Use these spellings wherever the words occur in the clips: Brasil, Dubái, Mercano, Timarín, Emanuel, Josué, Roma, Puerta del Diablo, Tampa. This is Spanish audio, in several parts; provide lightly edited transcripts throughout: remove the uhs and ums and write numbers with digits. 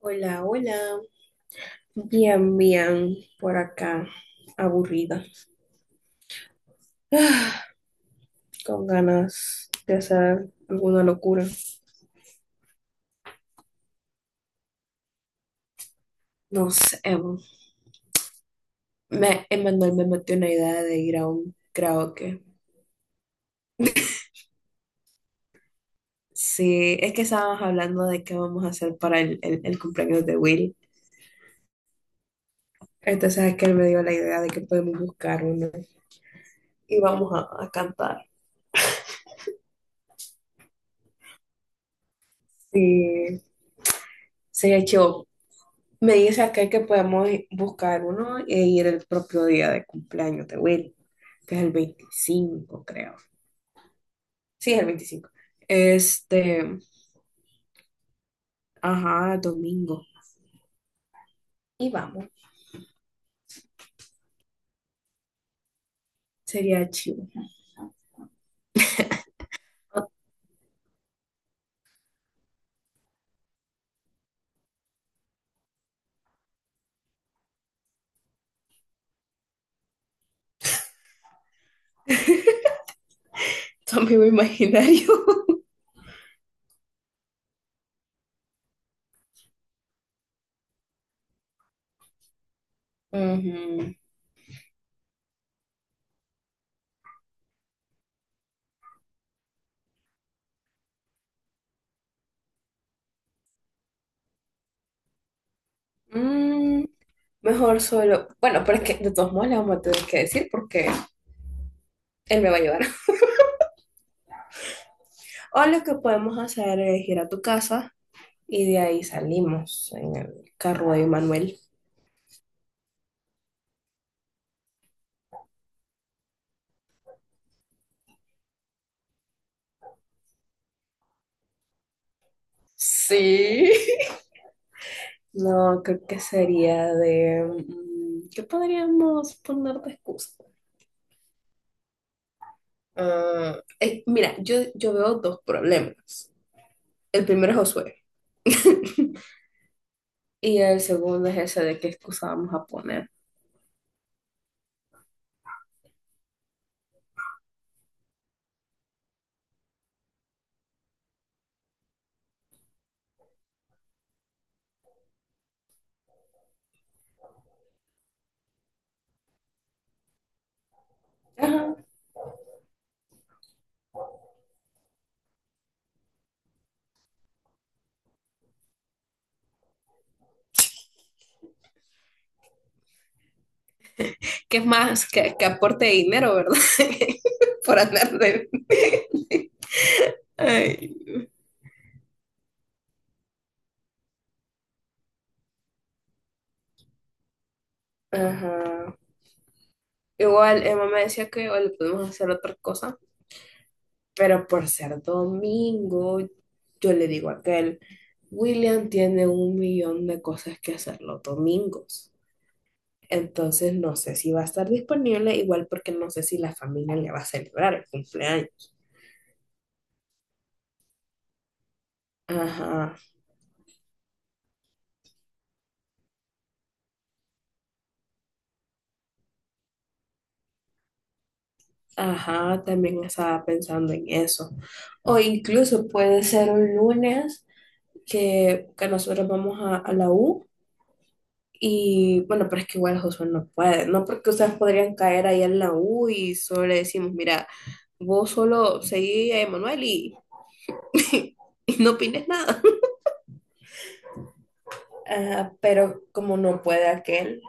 Hola, hola. Bien, bien, por acá, aburrida. Ah, con ganas de hacer alguna locura. No sé, Evo. Emanuel me metió una idea de ir a un karaoke. Sí, es que estábamos hablando de qué vamos a hacer para el cumpleaños de Will. Entonces es que él me dio la idea de que podemos buscar uno y vamos a cantar. Sí, se echó. Me dice aquel que podemos buscar uno e ir el propio día de cumpleaños de Will, que es el 25, creo. Sí, es el 25. Este, ajá, domingo. Y vamos. Sería chido. Tu amigo imaginario. Ujú. Mm, Mejor solo. Bueno, pero es que de todos modos le vamos a tener que decir porque él me va a llevar. O lo que podemos hacer es ir a tu casa y de ahí salimos en el carro de Manuel. Sí. No, creo que sería de... ¿Qué podríamos poner de excusa? Ah, mira, yo veo dos problemas. El primero es Josué. Y el segundo es ese de qué excusa vamos a poner. Ajá. Que es más que aporte dinero, ¿verdad? Por andar de... Ay. Ajá. Igual, Emma me decía que igual le podemos hacer otra cosa, pero por ser domingo, yo le digo a aquel, William tiene un millón de cosas que hacer los domingos. Entonces no sé si va a estar disponible, igual porque no sé si la familia le va a celebrar el cumpleaños. Ajá, ajá, también estaba pensando en eso. O incluso puede ser un lunes que nosotros vamos a la U. Y bueno, pero es que igual Josué no puede, no porque ustedes podrían caer ahí en la U y solo le decimos, mira, vos solo seguí a Emanuel y, y no opines nada. Ajá, pero como no puede aquel,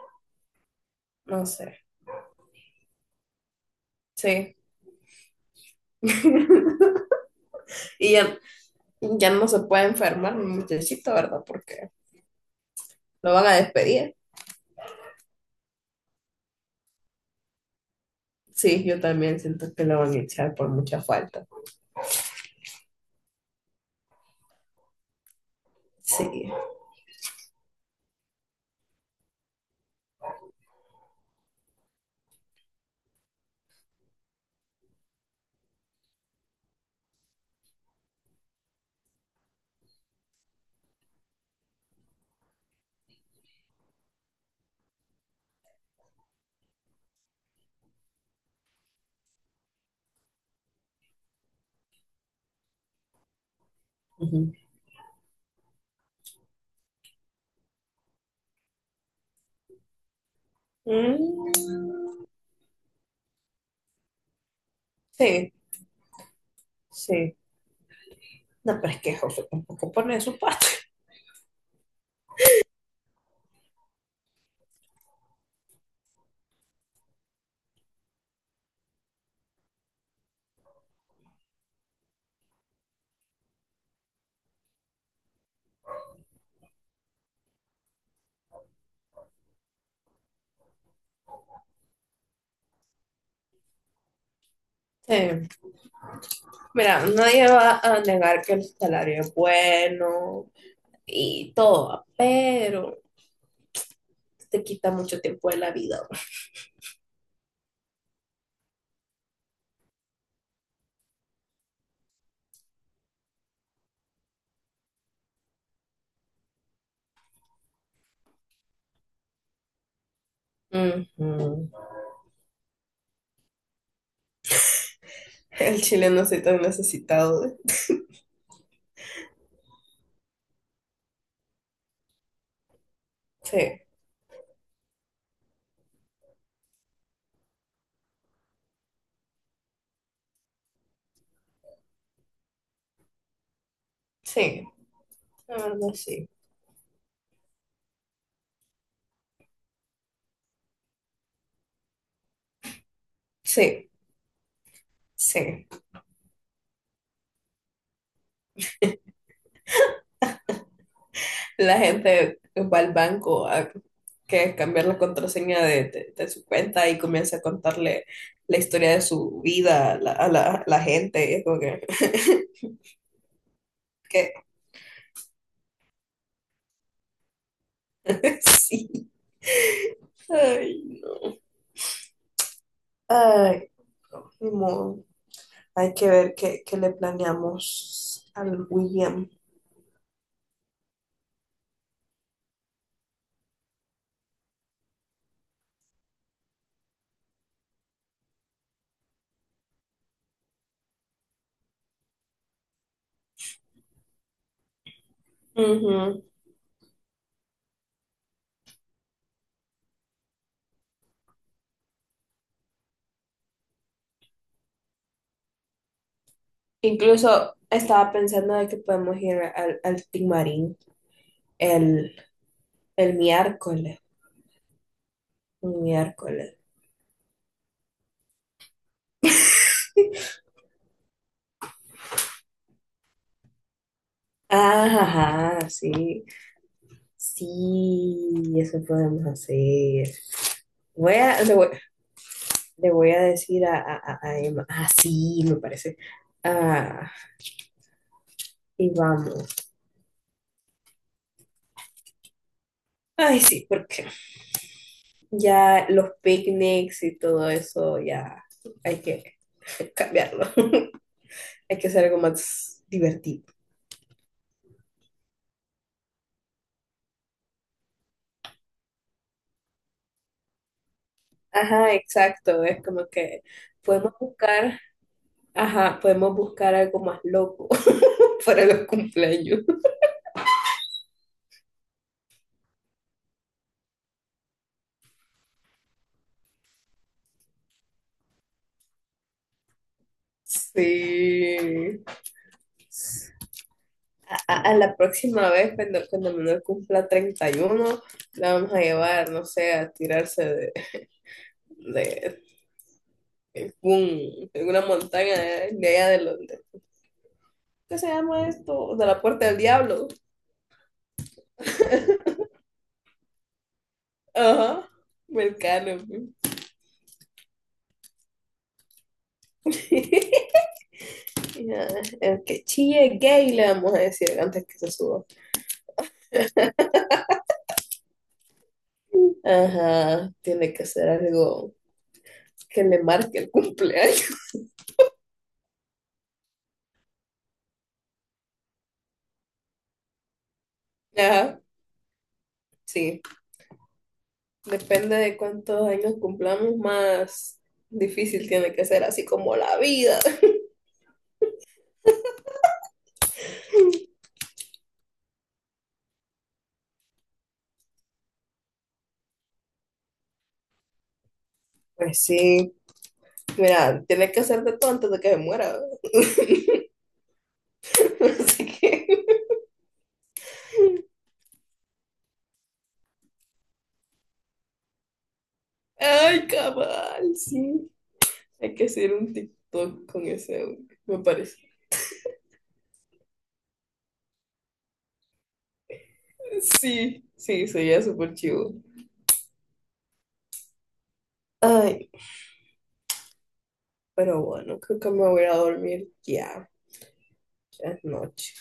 no sé, sí. Y ya, ya no se puede enfermar mi muchachito, ¿verdad? Porque lo van a despedir. Sí, yo también siento que lo van a echar por mucha falta. Sí. Ujú. Mm, sí, sí. No, pero es que José tampoco pone de su parte. Sí. Mira, nadie va a negar que el salario es bueno y todo, pero te quita mucho tiempo de la vida. Ujú. El chileno soy tan necesitado. Sí, sí, la verdad sí. Sí, sí. La gente va al banco a que cambiar la contraseña de su cuenta y comienza a contarle la historia de su vida a la gente. Y es como que, que- sí. Ay, no. Ay, no. Ni modo. Hay que ver qué le planeamos al William. Ujú. Incluso estaba pensando de que podemos ir al Timarín el, el miércoles. Un miércoles. Ah, ajá, sí. Sí, eso podemos hacer. Voy a, le voy a decir a Emma. Ah, sí, me parece. Ah, y vamos. Ay, sí, porque ya los picnics y todo eso, ya hay que cambiarlo. Hay que hacer algo más divertido. Ajá, exacto. Es como que podemos buscar, ajá, podemos buscar algo más loco para los cumpleaños. Sí. A la próxima vez, cuando Manuel cumpla 31, la vamos a llevar, no sé, a tirarse de, de una montaña de allá de Londres ¿Qué se llama esto? De la Puerta del Diablo. Ajá, Mercano. El que chille gay le vamos a decir antes que se suba. Ajá, tiene que ser algo que le marque el cumpleaños. Ajá, sí. Depende de cuántos años cumplamos, más difícil tiene que ser, así como la vida. Pues sí, mira, tiene que hacer de todo antes de que se muera. Así que, ay, cabal, sí. Hay que hacer un TikTok con ese, me parece. Sí, sí, sería súper chivo. Ay, pero bueno, creo que me voy a ir a dormir ya. Ya es noche.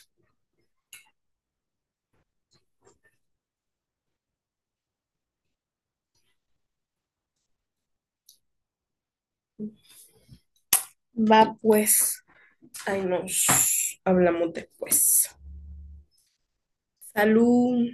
Va pues. Ay, nos hablamos después. Salud.